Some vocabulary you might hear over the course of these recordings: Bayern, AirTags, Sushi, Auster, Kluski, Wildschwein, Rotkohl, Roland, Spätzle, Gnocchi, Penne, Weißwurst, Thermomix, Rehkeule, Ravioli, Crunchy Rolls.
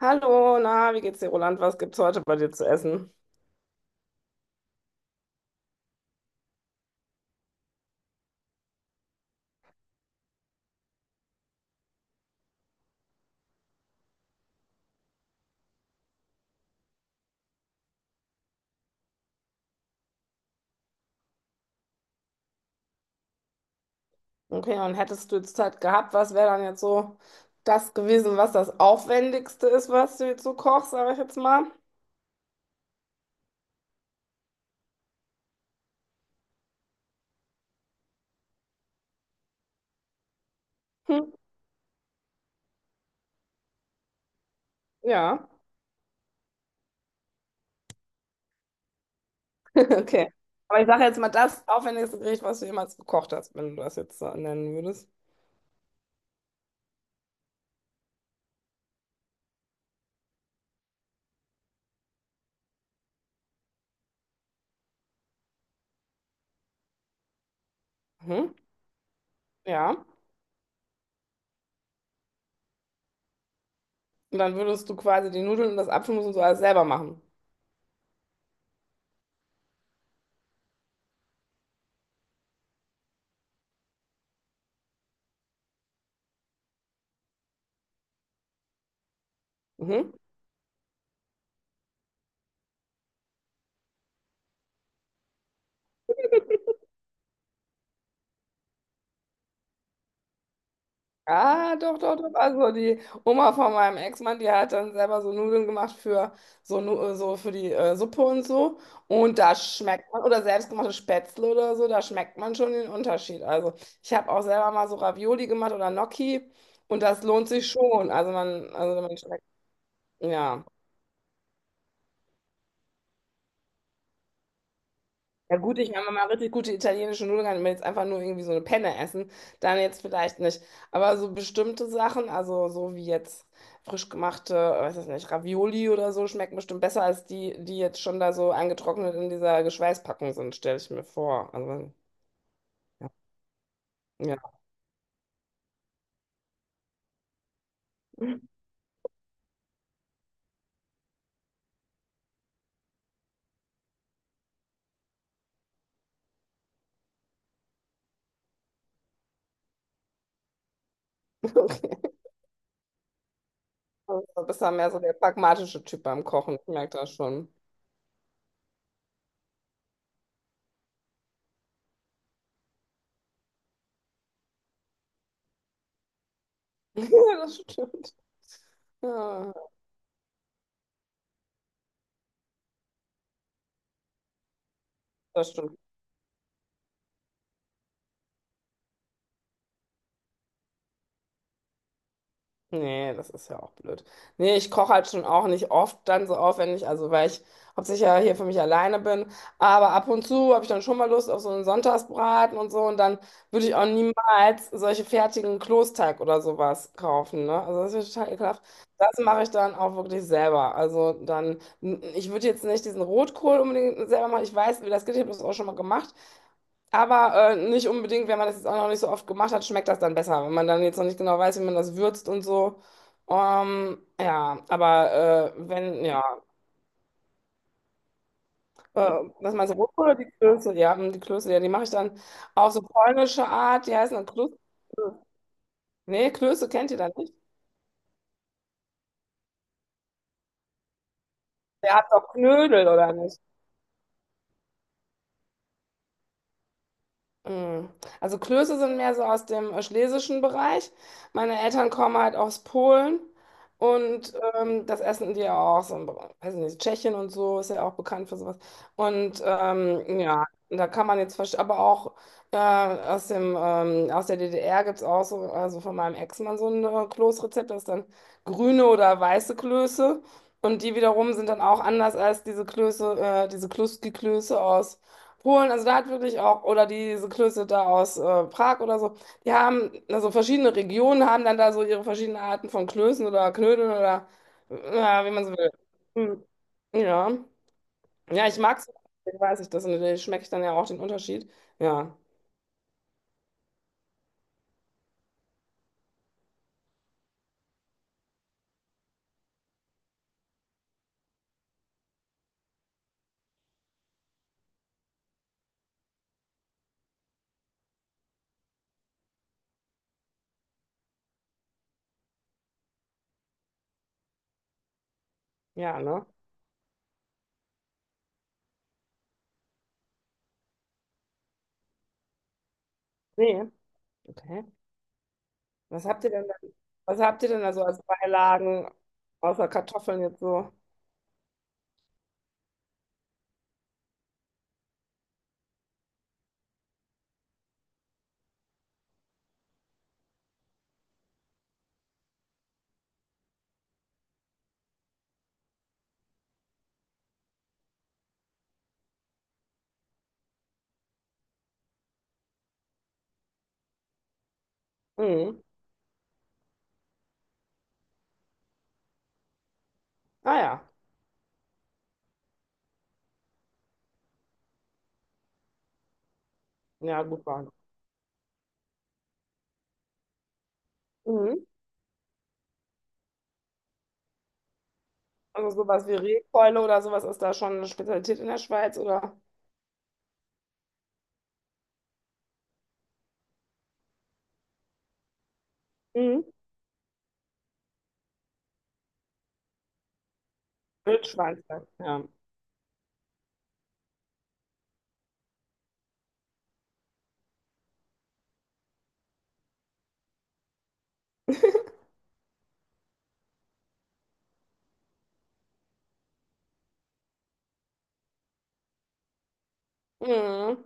Hallo, na, wie geht's dir, Roland? Was gibt's heute bei dir zu essen? Okay, und hättest du jetzt Zeit gehabt, was wäre dann jetzt so das gewesen, was das Aufwendigste ist, was du jetzt so kochst, sage ich jetzt mal? Hm, ja, okay. Aber ich sage jetzt mal das aufwendigste Gericht, was du jemals gekocht hast, wenn du das jetzt so nennen würdest. Mhm, ja. Und dann würdest du quasi die Nudeln und das Apfelmus und so alles selber machen. Mhm. Ah, doch, doch, doch. Also die Oma von meinem Ex-Mann, die hat dann selber so Nudeln gemacht für so, so für die Suppe und so. Und da schmeckt man, oder selbstgemachte Spätzle oder so, da schmeckt man schon den Unterschied. Also ich habe auch selber mal so Ravioli gemacht oder Gnocchi und das lohnt sich schon. Also man schmeckt, ja. Ja gut, ich meine, mal richtig gute italienische Nudeln kann, wenn jetzt einfach nur irgendwie so eine Penne essen, dann jetzt vielleicht nicht. Aber so bestimmte Sachen, also so wie jetzt frisch gemachte, weiß ich nicht, Ravioli oder so, schmecken bestimmt besser als die, die jetzt schon da so eingetrocknet in dieser Geschweißpackung sind, stelle ich mir vor. Also, ja, ja. okay. Also, Du bist ja mehr so der pragmatische Typ beim Kochen, ich merke das schon. Ja, das stimmt. Ja, das stimmt. Nee, das ist ja auch blöd. Nee, ich koche halt schon auch nicht oft dann so aufwendig, also weil ich hauptsächlich ja hier für mich alleine bin. Aber ab und zu habe ich dann schon mal Lust auf so einen Sonntagsbraten und so. Und dann würde ich auch niemals solche fertigen Kloßteig oder sowas kaufen, ne? Also das ist total ekelhaft. Das mache ich dann auch wirklich selber. Also dann, ich würde jetzt nicht diesen Rotkohl unbedingt selber machen. Ich weiß, wie das geht, ich habe das auch schon mal gemacht. Aber nicht unbedingt, wenn man das jetzt auch noch nicht so oft gemacht hat, schmeckt das dann besser, wenn man dann jetzt noch nicht genau weiß, wie man das würzt und so. Ja, aber wenn, ja, äh, was meinst du, Rotkohl oder die Klöße? Ja, hm, die Klöße, ja, die mache ich dann auf so polnische Art, die heißen dann Klöße. Nee, Klöße kennt ihr dann nicht. Ihr habt doch Knödel, oder nicht? Mm. Also Klöße sind mehr so aus dem schlesischen Bereich. Meine Eltern kommen halt aus Polen und das essen die ja auch so, im Bereich- weiß nicht, Tschechien und so ist ja auch bekannt für sowas. Und ja, da kann man jetzt, aber auch aus aus der DDR gibt es auch so, also von meinem Ex-Mann so ein Kloßrezept, das ist dann grüne oder weiße Klöße. Und die wiederum sind dann auch anders als diese Klöße, diese Kluski-Klöße aus Polen, also da hat wirklich auch, oder diese Klöße da aus Prag oder so, die haben, also verschiedene Regionen haben dann da so ihre verschiedenen Arten von Klößen oder Knödeln oder wie man so will. Hm. Ja. Ja, ich mag es, deswegen weiß ich das, und da schmecke ich dann ja auch den Unterschied. Ja, ja, ne? Nee. Okay. Was habt ihr denn da, was habt ihr denn da so als Beilagen außer Kartoffeln jetzt so? Mhm. Ah ja. Ja, gut war. Mhm. Also sowas wie Rehkeule oder sowas ist da schon eine Spezialität in der Schweiz oder mhm. Wildschwein, ja. Mhm.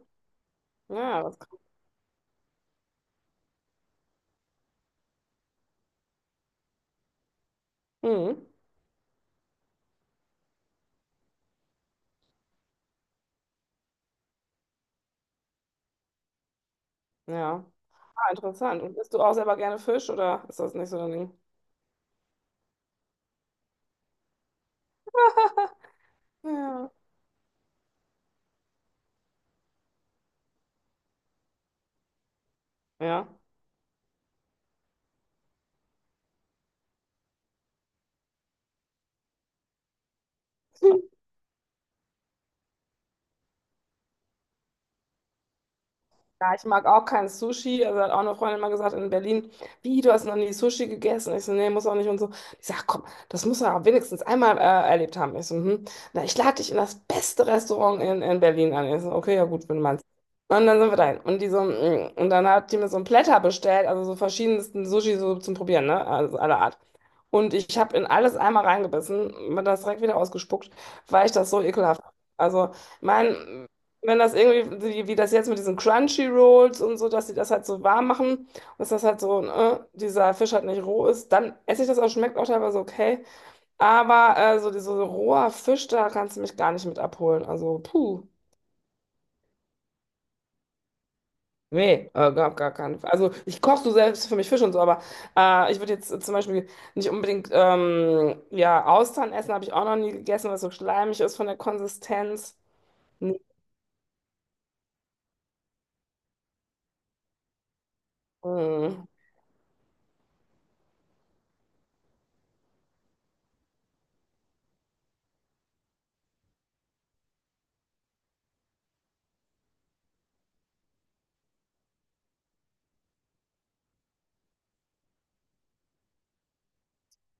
Ja, das, mhm. Ja, ah, interessant. Und isst du auch selber gerne Fisch oder ist das nicht so dein Ding? Ja. Ja. Ja, ich mag auch kein Sushi. Also hat auch eine Freundin mal gesagt in Berlin, wie, du hast noch nie Sushi gegessen? Ich so, nee, muss auch nicht und so. Ich sag, komm, das muss er auch wenigstens einmal erlebt haben. Ich so, hm. Na, ich lade dich in das beste Restaurant in Berlin an. Ich so, okay, ja gut, wenn du meinst. Und dann sind wir dahin. Und, die so, mm, und dann hat die mir so ein Platter bestellt, also so verschiedensten Sushi so zum Probieren, ne? Also aller Art. Und ich habe in alles einmal reingebissen, mir das direkt wieder ausgespuckt, weil ich das so ekelhaft fand. Also, mein, wenn das irgendwie, wie das jetzt mit diesen Crunchy Rolls und so, dass sie das halt so warm machen und dass das halt so, dieser Fisch halt nicht roh ist, dann esse ich das auch, schmeckt auch teilweise okay. Aber so dieser so roher Fisch, da kannst du mich gar nicht mit abholen. Also, puh. Nee, gar keinen Fall. Also ich koche so selbst für mich Fisch und so, aber ich würde jetzt zum Beispiel nicht unbedingt ja, Austern essen, habe ich auch noch nie gegessen, weil es so schleimig ist von der Konsistenz. Nee.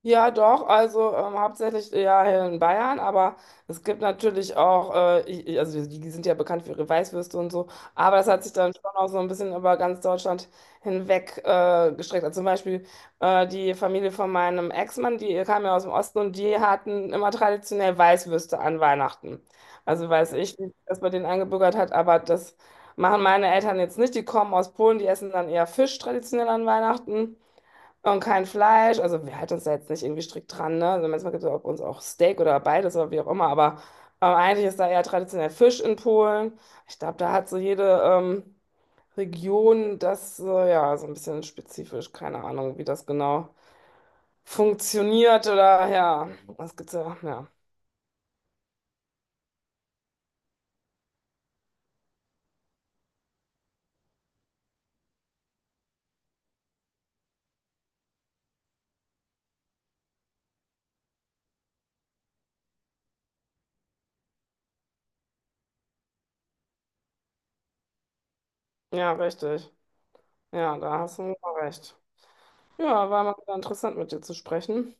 Ja, doch, also hauptsächlich ja hier in Bayern, aber es gibt natürlich auch, ich- also die, die sind ja bekannt für ihre Weißwürste und so, aber das hat sich dann schon auch so ein bisschen über ganz Deutschland hinweg gestreckt. Also zum Beispiel die Familie von meinem Ex-Mann, die kam ja aus dem Osten und die hatten immer traditionell Weißwürste an Weihnachten. Also weiß ich, wie sich das bei denen eingebürgert hat, aber das machen meine Eltern jetzt nicht. Die kommen aus Polen, die essen dann eher Fisch traditionell an Weihnachten. Und kein Fleisch. Also wir halten uns da jetzt nicht irgendwie strikt dran, ne? Also manchmal gibt es bei uns auch Steak oder beides oder wie auch immer, aber eigentlich ist da eher traditionell Fisch in Polen. Ich glaube, da hat so jede Region das so, ja, so ein bisschen spezifisch. Keine Ahnung, wie das genau funktioniert oder ja, was gibt's da? Ja. Ja, richtig. Ja, da hast du wohl recht. Ja, war mal wieder interessant mit dir zu sprechen.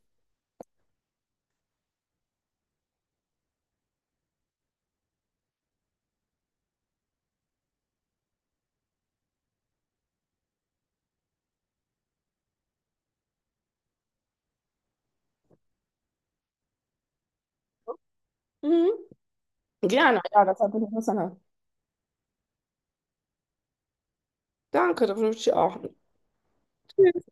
Mhm. Gerne, ja, das hat mich interessant. Danke, da wünsche ich dir auch. Tschüss.